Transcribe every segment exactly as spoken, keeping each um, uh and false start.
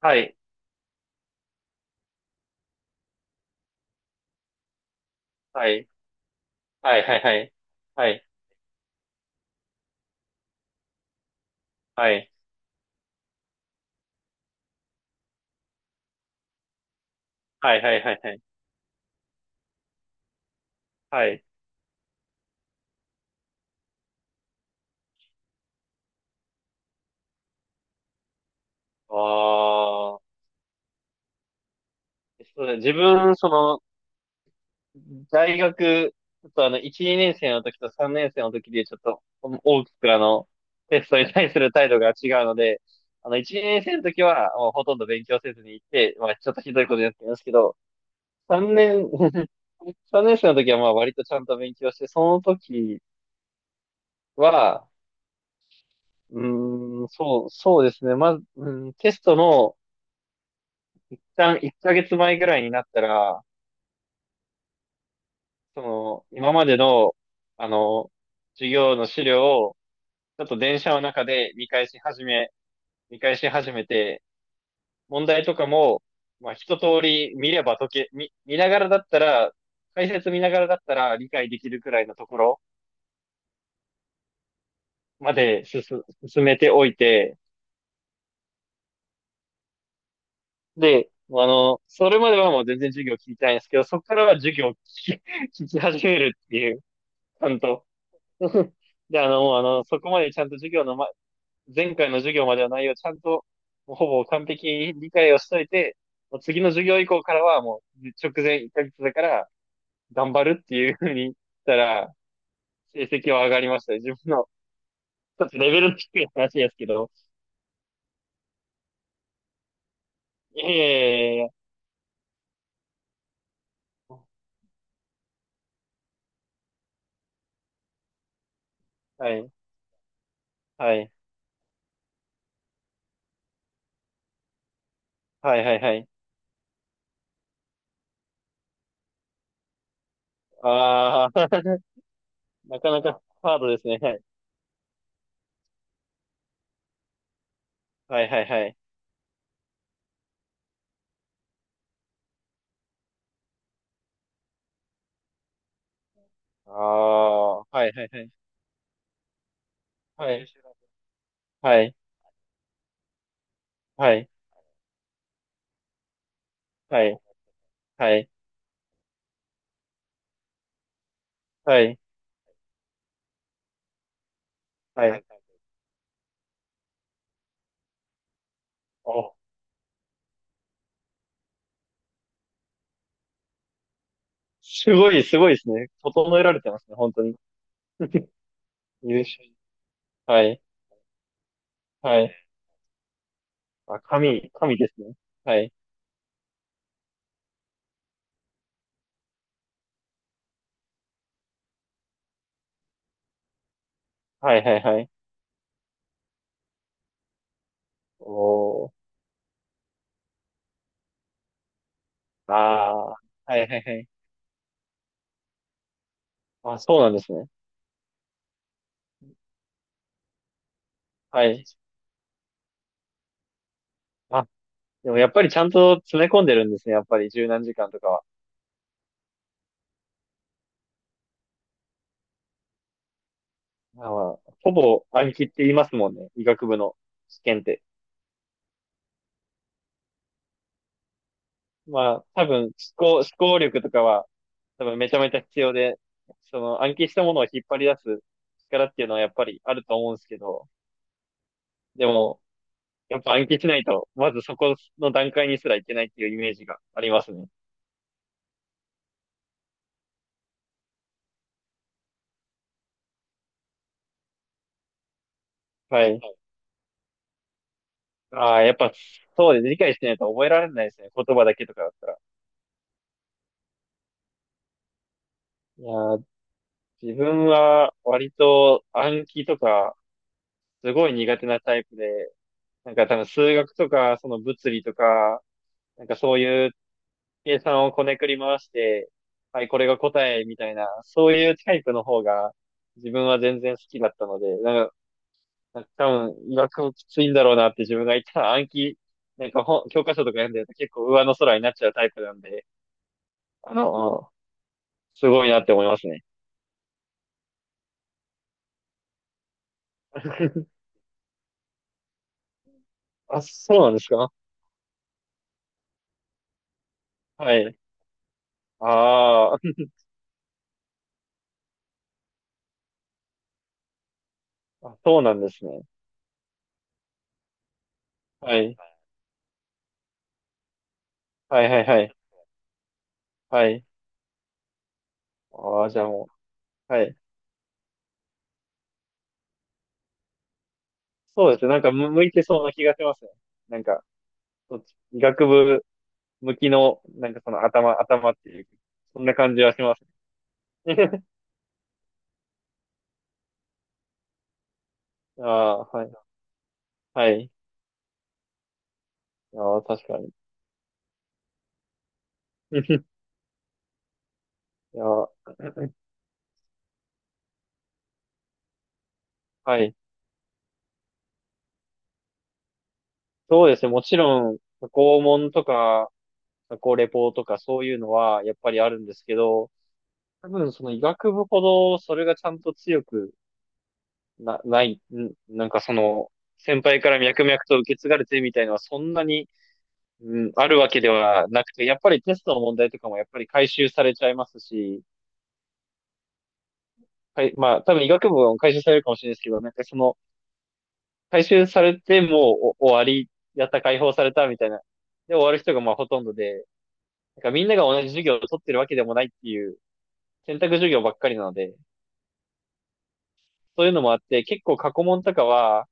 はい、はい、はい、はい、はい、はい、はい、はい、はい、はい、はい、はい。ああ、そうだね自分、その、大学、ちょっとあの、いち、にねん生の時とさんねん生の時で、ちょっと、大きくあの、テストに対する態度が違うので、あの、いち、にねん生の時は、もうほとんど勉強せずに行って、まあ、ちょっとひどいことやってますけど、さんねん、さんねん生の時は、まあ、割とちゃんと勉強して、その時は、うーん、そう、そうですね。まず、うん、テストの、一旦いっかげつまえぐらいになったら、その、今までの、あの、授業の資料を、ちょっと電車の中で見返し始め、見返し始めて、問題とかも、まあ、一通り見れば解け、見、見ながらだったら、解説見ながらだったら理解できるくらいのところまで進、進めておいて、で、あの、それまではもう全然授業聞いてないんですけど、そこからは授業を聞き、聞き始めるっていう、ちゃんと。で、あの、もうあの、そこまでちゃんと授業の、ま、前回の授業までの内容をちゃんと、もうほぼ完璧に理解をしといて、もう次の授業以降からはもう直前いっかげつだから頑張るっていうふうにしたら、成績は上がりましたね。自分の、ちょっとレベル低い話ですけど。いやいやいやいや、はい、はい、はい、はい、はい。ああ、なかなかハードですね。はい。はいはいはい。ああ、はいはいはい。はい。はい。はい。はい。はい。はい。はい。お、すごい、すごいですね。整えられてますね。本当に。優秀。はい。はい。あ、神、神ですね。はい。はいはいはい。おー。ああ、はいはいはい。あ、そうなんですね。はい。あ、でもやっぱりちゃんと詰め込んでるんですね。やっぱり十何時間とかは。まあーほぼ暗記って言いますもんね。医学部の試験って。まあ、多分、思考、思考力とかは、多分めちゃめちゃ必要で、その暗記したものを引っ張り出す力っていうのはやっぱりあると思うんですけど、でも、やっぱ暗記しないと、まずそこの段階にすらいけないっていうイメージがありますね。はい。ああ、やっぱ、そうです。理解してないと覚えられないですね。言葉だけとかだったら。いやー、自分は割と暗記とか、すごい苦手なタイプで、なんか多分数学とか、その物理とか、なんかそういう計算をこねくり回して、はい、これが答えみたいな、そういうタイプの方が自分は全然好きだったので、なんか、なんか多分、医学もきついんだろうなって自分が言ったら暗記、なんか本、教科書とか読んでると結構上の空になっちゃうタイプなんで、あの、すごいなって思いますね。あ、そうなんですか？はい。あーあ、そうなんですね。はい。はいはいはい。はい。ああ、じゃあもう、はい。そうですね。なんかむ向いてそうな気がしますね。なんか、そっち医学部向きの、なんかその頭、頭っていう、そんな感じはします。ああ、はい。はい。ああ、確かに。いや、はい。そうですね。もちろん、過去問とか、過去レポとかそういうのは、やっぱりあるんですけど、多分その医学部ほど、それがちゃんと強くな、ない、んなんかその、先輩から脈々と受け継がれてみたいのはそんなに、うん、あるわけではなくて、やっぱりテストの問題とかもやっぱり回収されちゃいますし、はい、まあ、多分医学部は回収されるかもしれないですけど、なんかその、回収されてもうお終わり、やった、解放されたみたいな。で、終わる人がまあほとんどで、なんかみんなが同じ授業を取ってるわけでもないっていう選択授業ばっかりなので、そういうのもあって、結構過去問とかは、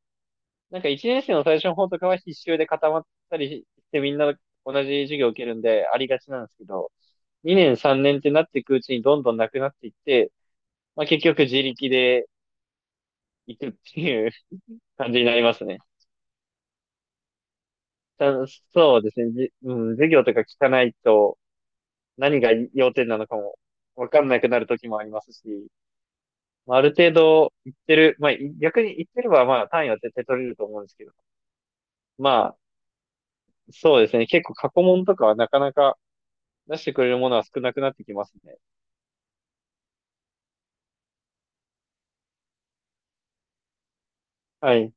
なんかいちねん生の最初の方とかは必修で固まったりしてみんな同じ授業を受けるんでありがちなんですけど、にねんさんねんってなっていくうちにどんどんなくなっていって、まあ結局自力で行くっていう感じになりますね。たそうですね。じ、うん、授業とか聞かないと何が要点なのかもわかんなくなる時もありますし、まあ、ある程度言ってる、まあ、い逆に言ってればまあ単位は絶対取れると思うんですけど、まあ、そうですね。結構過去問とかはなかなか出してくれるものは少なくなってきますね。はい。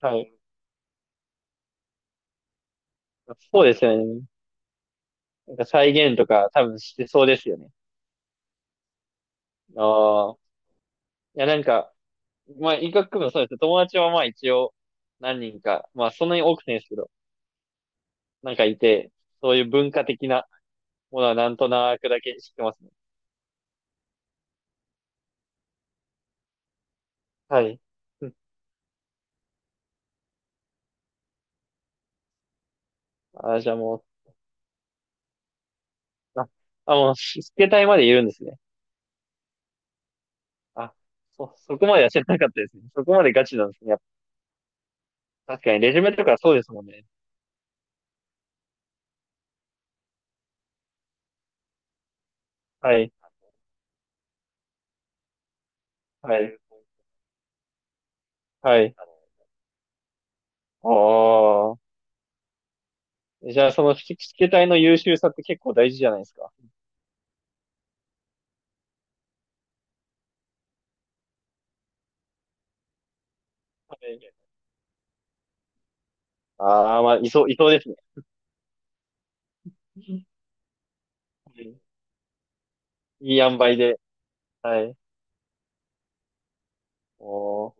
はい。そうですよね。なんか再現とか多分してそうですよね。ああ。いや、なんか、まあ、医学部もそうです。友達はまあ一応何人か、まあそんなに多くないですけど、なんかいて、そういう文化的なものはなんとなくだけ知ってますね。はい。うん、あ、じゃあもう、あ、あ、もう、スケ隊までいるんですね。あ、そ、そこまでは知らなかったですね。そこまでガチなんですね。やっぱ確かに、レジュメとかそうですもんね。はい、はい、はい。ああ。じゃあ、そのスケスケ隊の優秀さって結構大事じゃないですか。はい、ああ、まあ、いそう、いそうですね。うん、いい塩梅で。はい。おー。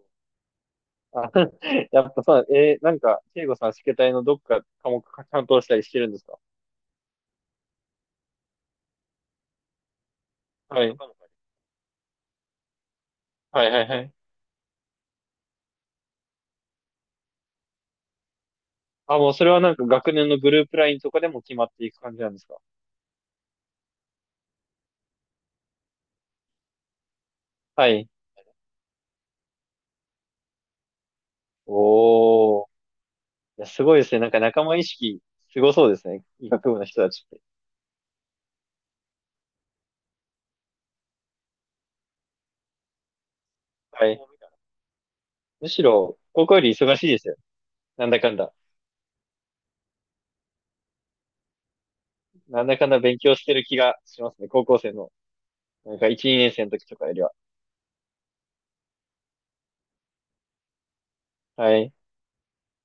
あ、やっぱさ、えー、なんか、慶吾さん、試験体のどっか科目担当したりしてるんですか？はい。はいはいはい。あ、もうそれはなんか学年のグループラインとかでも決まっていく感じなんですか？はい。おー。いや、すごいですね。なんか仲間意識、すごそうですね。医学部の人たちって。はい。むしろ、高校より忙しいですよ。なんだかんだ。なんだかんだ勉強してる気がしますね。高校生の、なんかいち、にねん生の時とかよりは。はい。